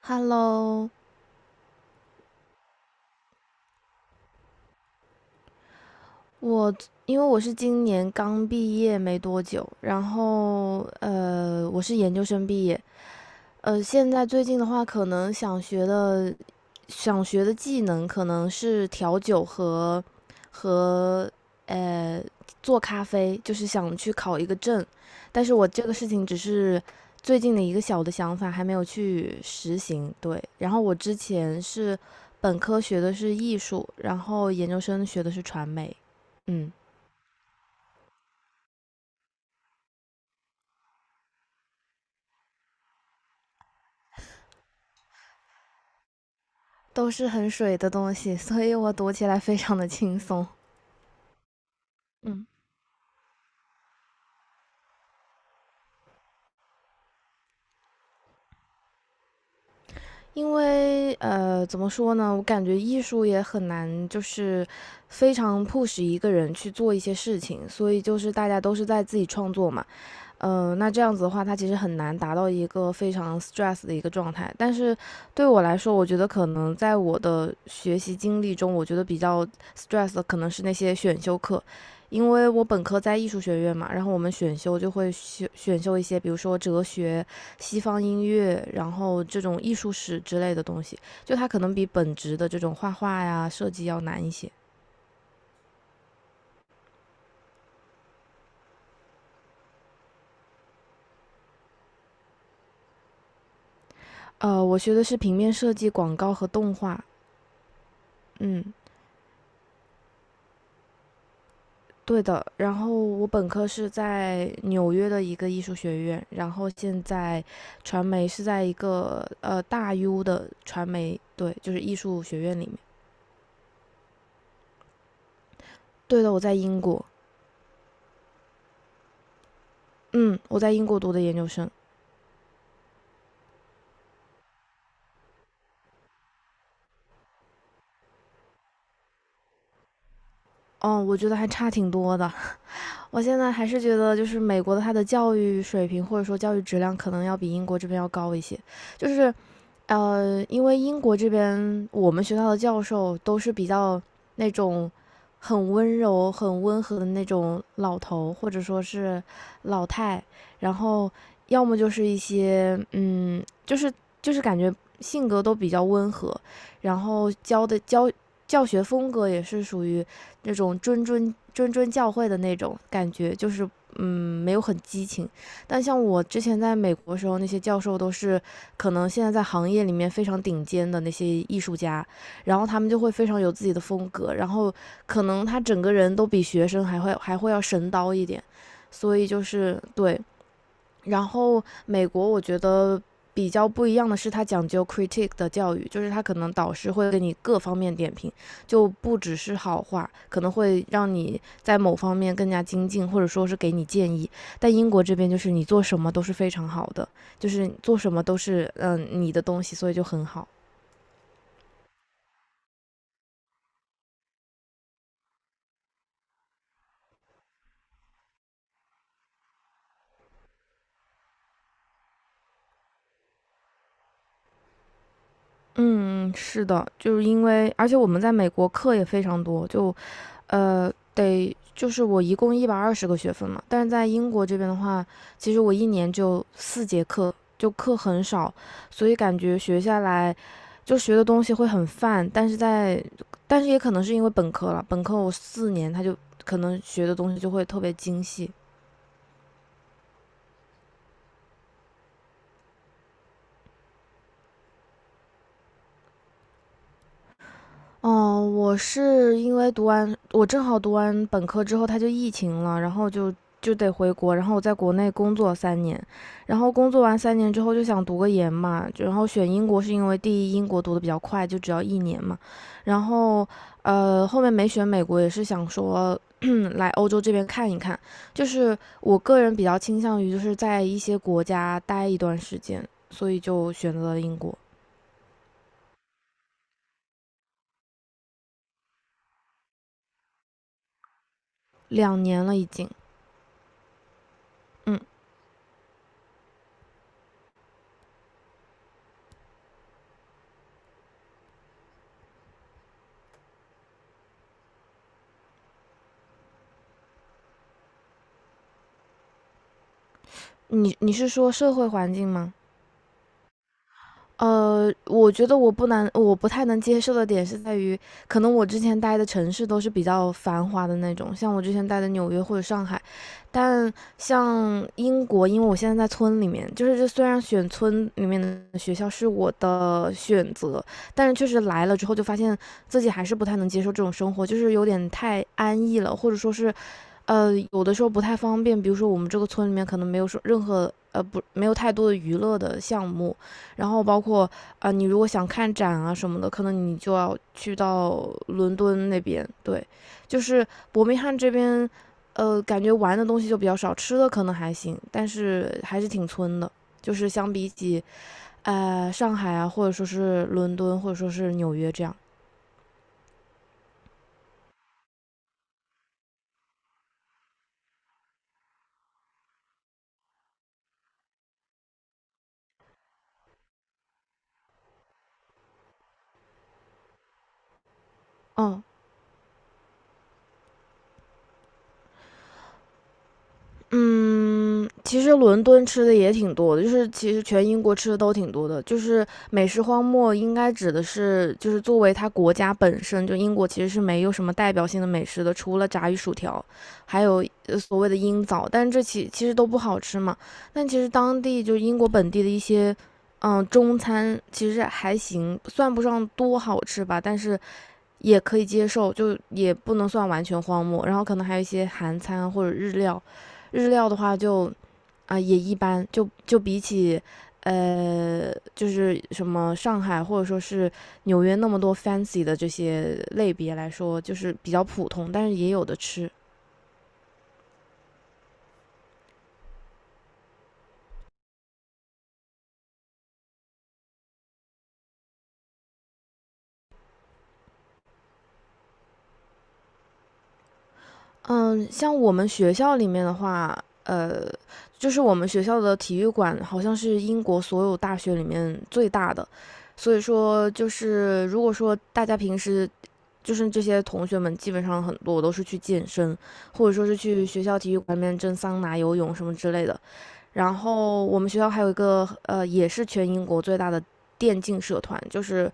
Hello,我因为我是今年刚毕业没多久，然后我是研究生毕业。现在最近的话，可能想学的技能可能是调酒和呃做咖啡，就是想去考一个证。但是我这个事情只是最近的一个小的想法，还没有去实行。对，然后我之前是本科学的是艺术，然后研究生学的是传媒。嗯，都是很水的东西，所以我读起来非常的轻松，嗯。因为怎么说呢？我感觉艺术也很难，就是非常 push 一个人去做一些事情，所以就是大家都是在自己创作嘛。嗯、那这样子的话，它其实很难达到一个非常 stress 的一个状态。但是对我来说，我觉得可能在我的学习经历中，我觉得比较 stress 的可能是那些选修课，因为我本科在艺术学院嘛，然后我们选修就会选修一些，比如说哲学、西方音乐，然后这种艺术史之类的东西，就它可能比本职的这种画画呀、设计要难一些。呃，我学的是平面设计、广告和动画，嗯，对的。然后我本科是在纽约的一个艺术学院，然后现在传媒是在一个大 U 的传媒，对，就是艺术学院里面。对的，我在英国，嗯，我在英国读的研究生。哦，我觉得还差挺多的。我现在还是觉得，就是美国的它的教育水平或者说教育质量可能要比英国这边要高一些。就是因为英国这边我们学校的教授都是比较那种很温柔、很温和的那种老头，或者说是老太，然后要么就是一些嗯，就是就是感觉性格都比较温和，然后教的教教学风格也是属于那种谆谆教诲的那种感觉，就是嗯，没有很激情。但像我之前在美国的时候，那些教授都是。可能现在在行业里面非常顶尖的那些艺术家，然后他们就会非常有自己的风格，然后可能他整个人都比学生还会要神叨一点，所以就是对然后美国我觉得比较不一样的是，它讲究 c r i t i c 的教育，就是它可能导师会给你各方面点评，就不只是好话，可能会让你在某方面更加精进，或者说是给你建议。但英国这边就是你做什么都是非常好的，就是做什么都是嗯、你的东西，所以就很好。嗯，是的，就是因为，而且我们在美国课也非常多，就，就是我一共120个学分嘛，但是在英国这边的话，其实我一年就4节课，就课很少，所以感觉学下来就学的东西会很泛，但是在，但是也可能是因为本科了，本科我4年他就可能学的东西就会特别精细。哦，我是因为读完，我正好读完本科之后，他就疫情了，然后就得回国，然后我在国内工作三年，然后工作完三年之后就想读个研嘛，就然后选英国是因为第一英国读的比较快，就只要一年嘛，然后后面没选美国也是想说，嗯，来欧洲这边看一看，就是我个人比较倾向于就是在一些国家待一段时间，所以就选择了英国。2年了已经，嗯。你你是说社会环境吗？呃，我觉得我不难，我不太能接受的点是在于，可能我之前待的城市都是比较繁华的那种，像我之前待的纽约或者上海，但像英国，因为我现在在村里面，就是这虽然选村里面的学校是我的选择，但是确实来了之后就发现自己还是不太能接受这种生活，就是有点太安逸了，或者说是，呃，有的时候不太方便，比如说我们这个村里面可能没有说任何呃不没有太多的娱乐的项目。然后包括啊、你如果想看展啊什么的，可能你就要去到伦敦那边。对，就是伯明翰这边，呃，感觉玩的东西就比较少，吃的可能还行，但是还是挺村的。就是相比起上海啊，或者说是伦敦，或者说是纽约这样。嗯，嗯，其实伦敦吃的也挺多的，就是其实全英国吃的都挺多的。就是美食荒漠应该指的是，就是作为它国家本身，就英国其实是没有什么代表性的美食的，除了炸鱼薯条，还有所谓的鹰枣，但这其实都不好吃嘛。但其实当地就是英国本地的一些，嗯，中餐其实还行，算不上多好吃吧，但是也可以接受，就也不能算完全荒漠。然后可能还有一些韩餐或者日料，日料的话就啊、也一般，就比起就是什么上海或者说是纽约那么多 fancy 的这些类别来说，就是比较普通，但是也有的吃。嗯，像我们学校里面的话，呃，就是我们学校的体育馆好像是英国所有大学里面最大的，所以说就是如果说大家平时就是这些同学们，基本上很多都是去健身，或者说是去学校体育馆里面蒸桑拿、游泳什么之类的。然后我们学校还有一个也是全英国最大的电竞社团，就是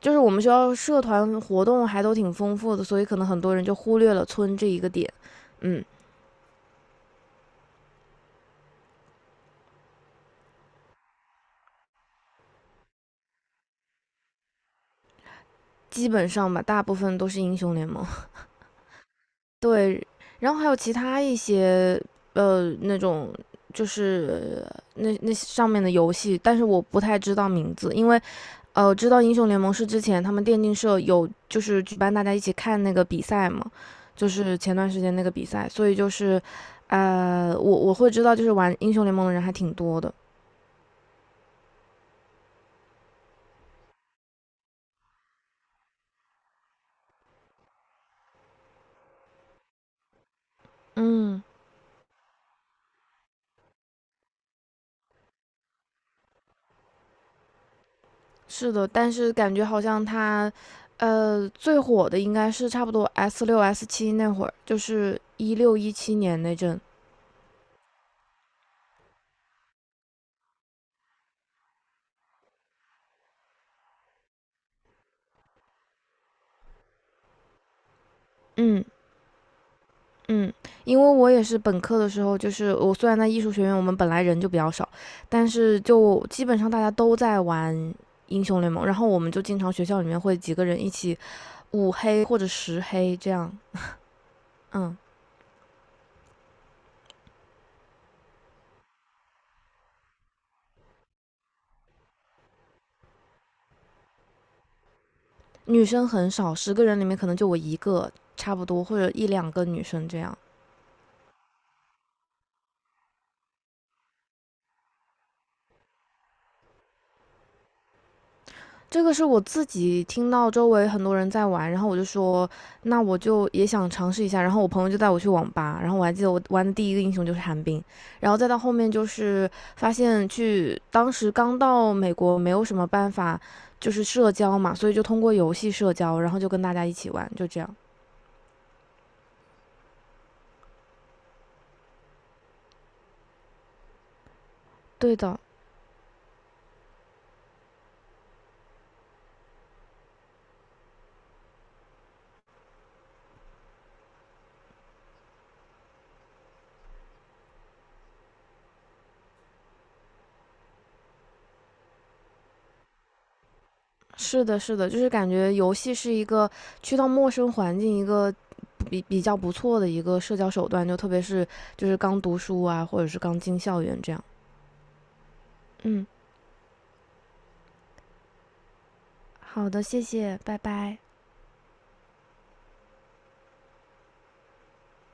就是我们学校社团活动还都挺丰富的，所以可能很多人就忽略了村这一个点。嗯，基本上吧，大部分都是英雄联盟。对，然后还有其他一些那种就是那上面的游戏，但是我不太知道名字，因为。呃，知道英雄联盟是之前他们电竞社有就是举办大家一起看那个比赛嘛，就是前段时间那个比赛，所以就是，呃，我会知道就是玩英雄联盟的人还挺多的，嗯，是的，但是感觉好像它，呃，最火的应该是差不多 S6 S7那会儿，就是16、17年那阵，嗯。嗯，因为我也是本科的时候，就是我虽然在艺术学院，我们本来人就比较少，但是就基本上大家都在玩英雄联盟，然后我们就经常学校里面会几个人一起5黑或者10黑这样，嗯，女生很少，十个人里面可能就我一个，差不多或者1、2个女生这样。这个是我自己听到周围很多人在玩，然后我就说，那我就也想尝试一下。然后我朋友就带我去网吧，然后我还记得我玩的第一个英雄就是寒冰，然后再到后面就是发现去当时刚到美国没有什么办法，就是社交嘛，所以就通过游戏社交，然后就跟大家一起玩，就这样。对的，是的，是的，就是感觉游戏是一个去到陌生环境一个比较不错的一个社交手段，就特别是就是刚读书啊，或者是刚进校园这样。嗯，好的，谢谢，拜拜。